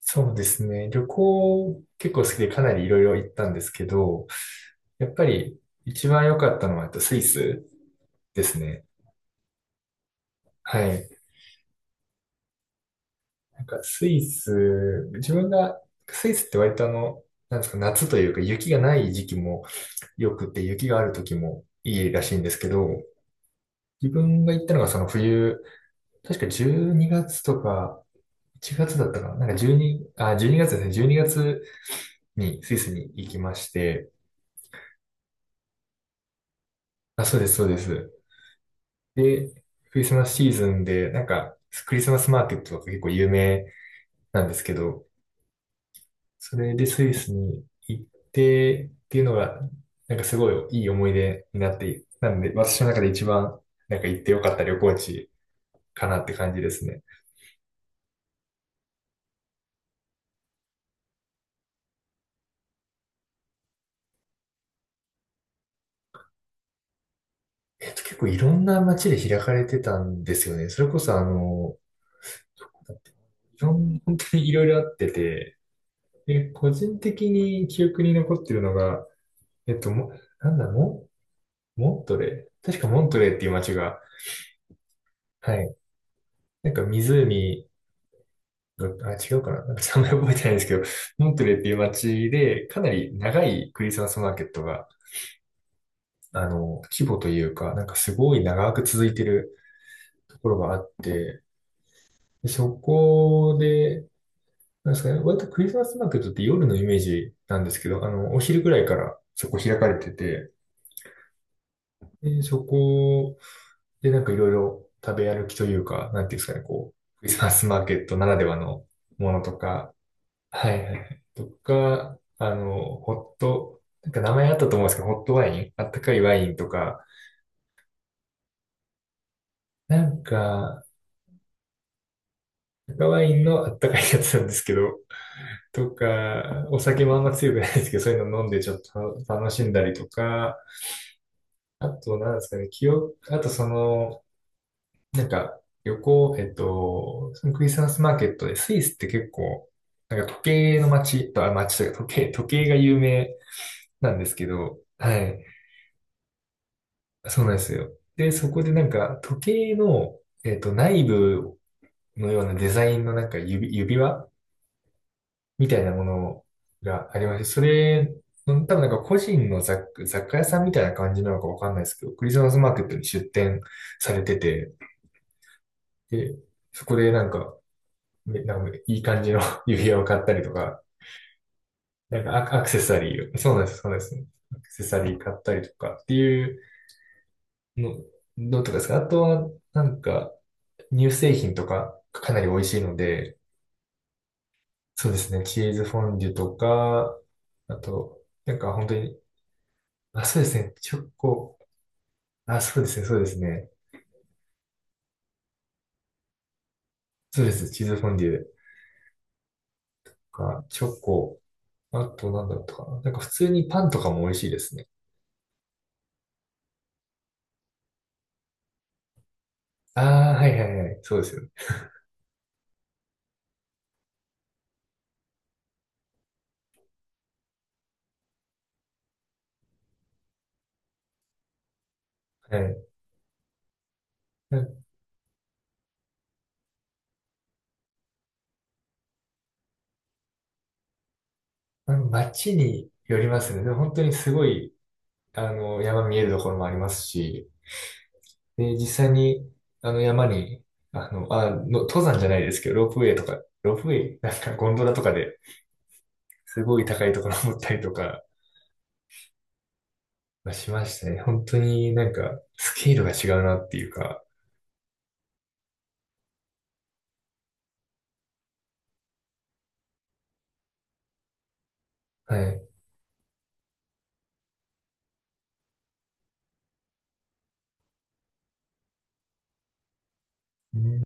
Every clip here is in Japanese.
そうですね。旅行結構好きでかなりいろいろ行ったんですけど、やっぱり一番良かったのはスイスですね。はい。なんかスイス、自分が、スイスって割となんですか、夏というか雪がない時期も良くて、雪がある時もいいらしいんですけど、自分が行ったのがその冬、確か12月とか1月だったかな。12月ですね。12月にがつにスイスに行きまして、あ、そうです、そうです。で、クリスマスシーズンで、なんか、クリスマスマーケットとか結構有名なんですけど、それでスイスに行ってっていうのが、なんかすごいいい思い出になって、なんで私の中で一番、なんか行ってよかった旅行地かなって感じですね。結構いろんな街で開かれてたんですよね。それこそだっていろん、本当にいろいろあってて、で、個人的に記憶に残ってるのが、えっと、も、なんだろモントレー、確かモントレーっていう街が、はい。なんか湖が、あ、違うかななんか名前覚えてないんですけど、モントレーっていう街で、かなり長いクリスマスマーケットが、規模というか、なんかすごい長く続いてるところがあって、でそこで、なんですかね、割とクリスマスマーケットって夜のイメージなんですけど、お昼ぐらいからそこ開かれてて、で、そこで、なんかいろいろ食べ歩きというか、なんていうんですかね、こう、クリスマスマーケットならではのものとか、はいはいはい。とか、あの、ホット、なんか名前あったと思うんですけど、ホットワイン、あったかいワインとか、なんか、赤ワインのあったかいやつなんですけど、とか、お酒もあんま強くないですけど、そういうの飲んでちょっと楽しんだりとか、あと、なんですかね、記憶、あとその、なんか、旅行、えっと、そのクリスマスマーケットで、スイスって結構、なんか時計の街と、あ、街というか時計が有名なんですけど、はい。そうなんですよ。で、そこでなんか、時計の、内部のようなデザインのなんか指輪みたいなものがありまして、それ、多分なんか個人の雑貨屋さんみたいな感じなのかわかんないですけど、クリスマスマーケットに出店されてて、で、そこでなんか、なんかいい感じの 指輪を買ったりとか、なんかアクアクセサリーを、そうなんです、そうなんです。アクセサリー買ったりとかっていうの、どうとかですか。あとは、なんか、乳製品とかかなり美味しいので、そうですね、チーズフォンデュとか、あと、なんか本当に、あ、そうですね、チョコ、あ、そうですね、そうですね。そうです、チーズフォンデュとか、チョコ、あとなんだったかな。なんか普通にパンとかも美味しいですね。ああ、はいはいはい、そうですよね。はい。うん、街によりますね。でも本当にすごい、山見えるところもありますし、で、実際に、山に、登山じゃないですけど、ロープウェイとか、ロープウェイ、なんかゴンドラとかですごい高いところ登ったりとかまあしましたね。本当になんか、スケールが違うなっていうか、はい。うん、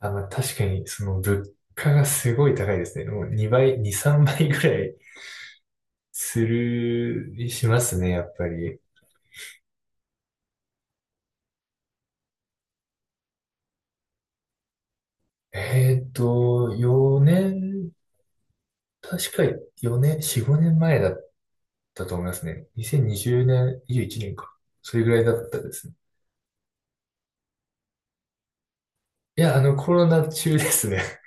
あ、まあ、確かに、その、物価がすごい高いですね。もう2倍、2、3倍ぐらいしますね、やっぱり。4年、確か4年、4、5年前だったと思いますね。2020年、21年か。それぐらいだったですね。いや、コロナ中ですね。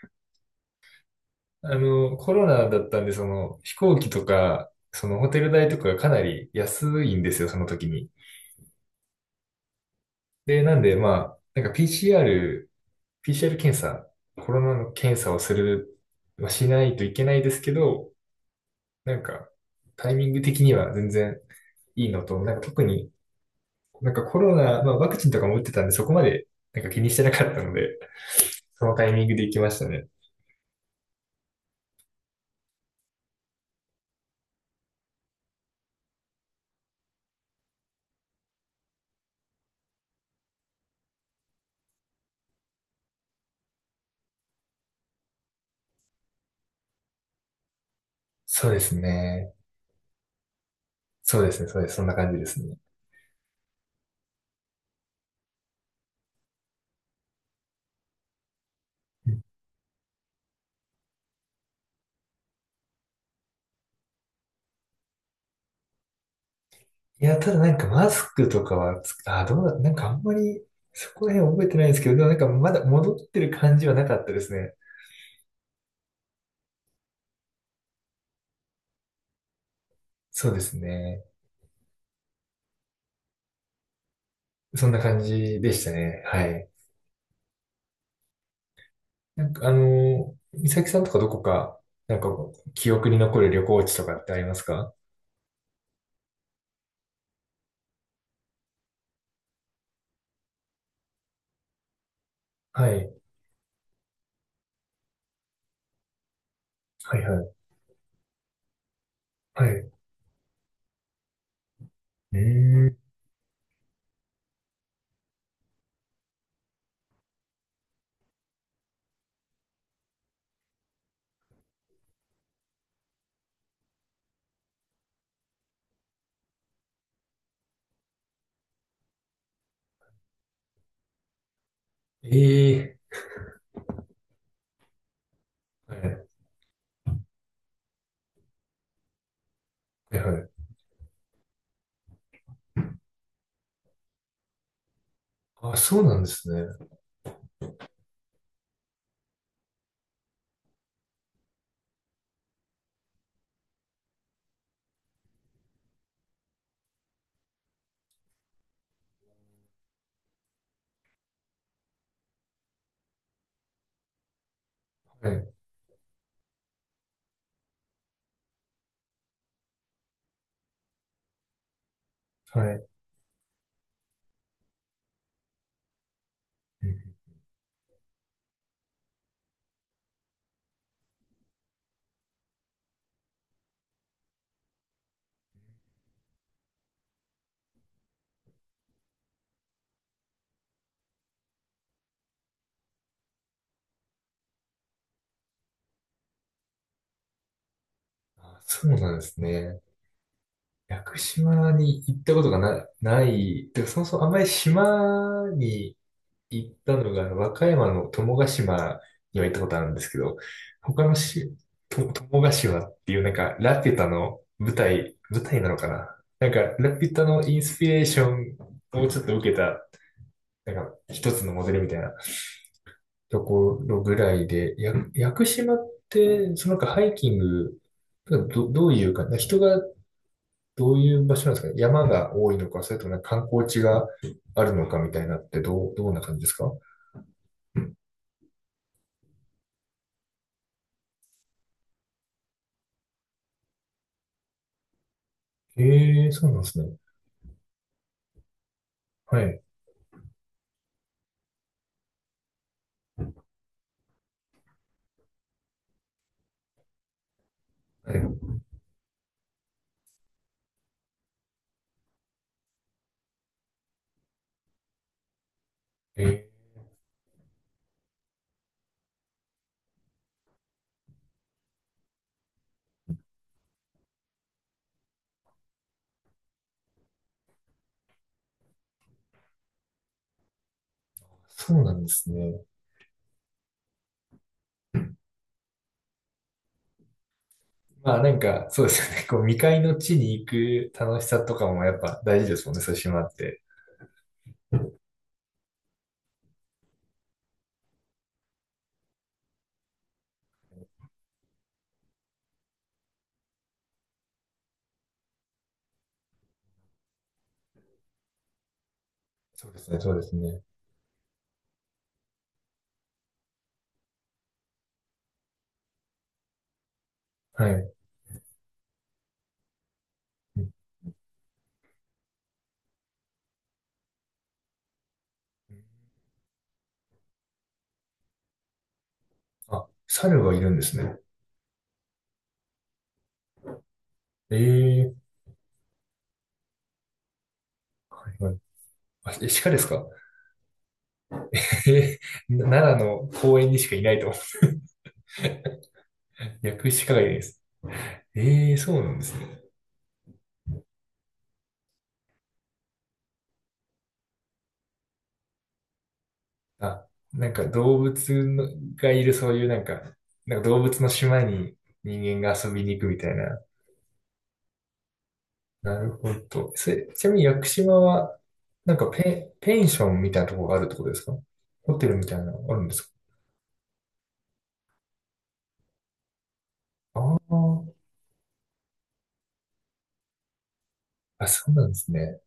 コロナだったんで、その、飛行機とか、その、ホテル代とかがかなり安いんですよ、その時に。で、なんで、まあ、なんか PCR 検査、コロナの検査をする、まあ、しないといけないですけど、なんか、タイミング的には全然いいのと、なんか特になんかコロナ、まあワクチンとかも打ってたんで、そこまでなんか気にしてなかったので、そのタイミングで行きましたね。そうですね。そうですね。そうです。そんな感じですね。うん、いや、ただなんかマスクとかはあ、どうだ、なんかあんまり、そこら辺覚えてないんですけど、でもなんかまだ戻ってる感じはなかったですね。そうですね。そんな感じでしたね。はい。なんか、美咲さんとかどこか、なんか記憶に残る旅行地とかってありますか？はい、はい、はい、はい。うーん、ええ、はい、はい、はい。あ、そうなんですね。はい、はい。うん、あ、そうなんですね。屋久島に行ったことがない、でそもそもあんまり島に行ったのが、和歌山の友ヶ島には行ったことあるんですけど、他のし、と、友ヶ島っていうなんか、ラピュタの舞台なのかななんか、ラピュタのインスピレーションをちょっと受けた、なんか、一つのモデルみたいなところぐらいで、屋久島って、そのなんかハイキング、ど、どういうか、人がどういう場所なんですかね、山が多いのか、それともなんか観光地があるのかみたいなって、どんな感じですか？ええー、そうなんですね。はい。はい。えー、そうなんですね。まあなんか、そうですよね。こう、未開の地に行く楽しさとかもやっぱ大事ですもんね、そういう島って。そうですね、そうですね。はい。うんうん、あ、猿がいるんですね。ええ、はいはい。あ、鹿ですか？ えー、奈良の公園にしかいないと思う。薬師鹿がいるんです。ええ、そうなんですね。あ、なんか動物のがいるそういうなんか、なんか動物の島に人間が遊びに行くみたいな、なるほど。ちなみに屋久島は、なんかペンションみたいなところがあるってことですか？ホテルみたいなのあるんですか？ああ、あ、そうなんですね。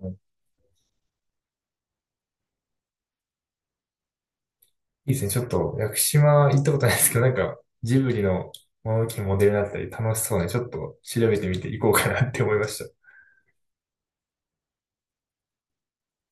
うん、いいですね。ちょっと屋久島行ったことないですけど、なんかジブリの物置のモデルだったり楽しそうで、ちょっと調べてみていこうかなって思いました。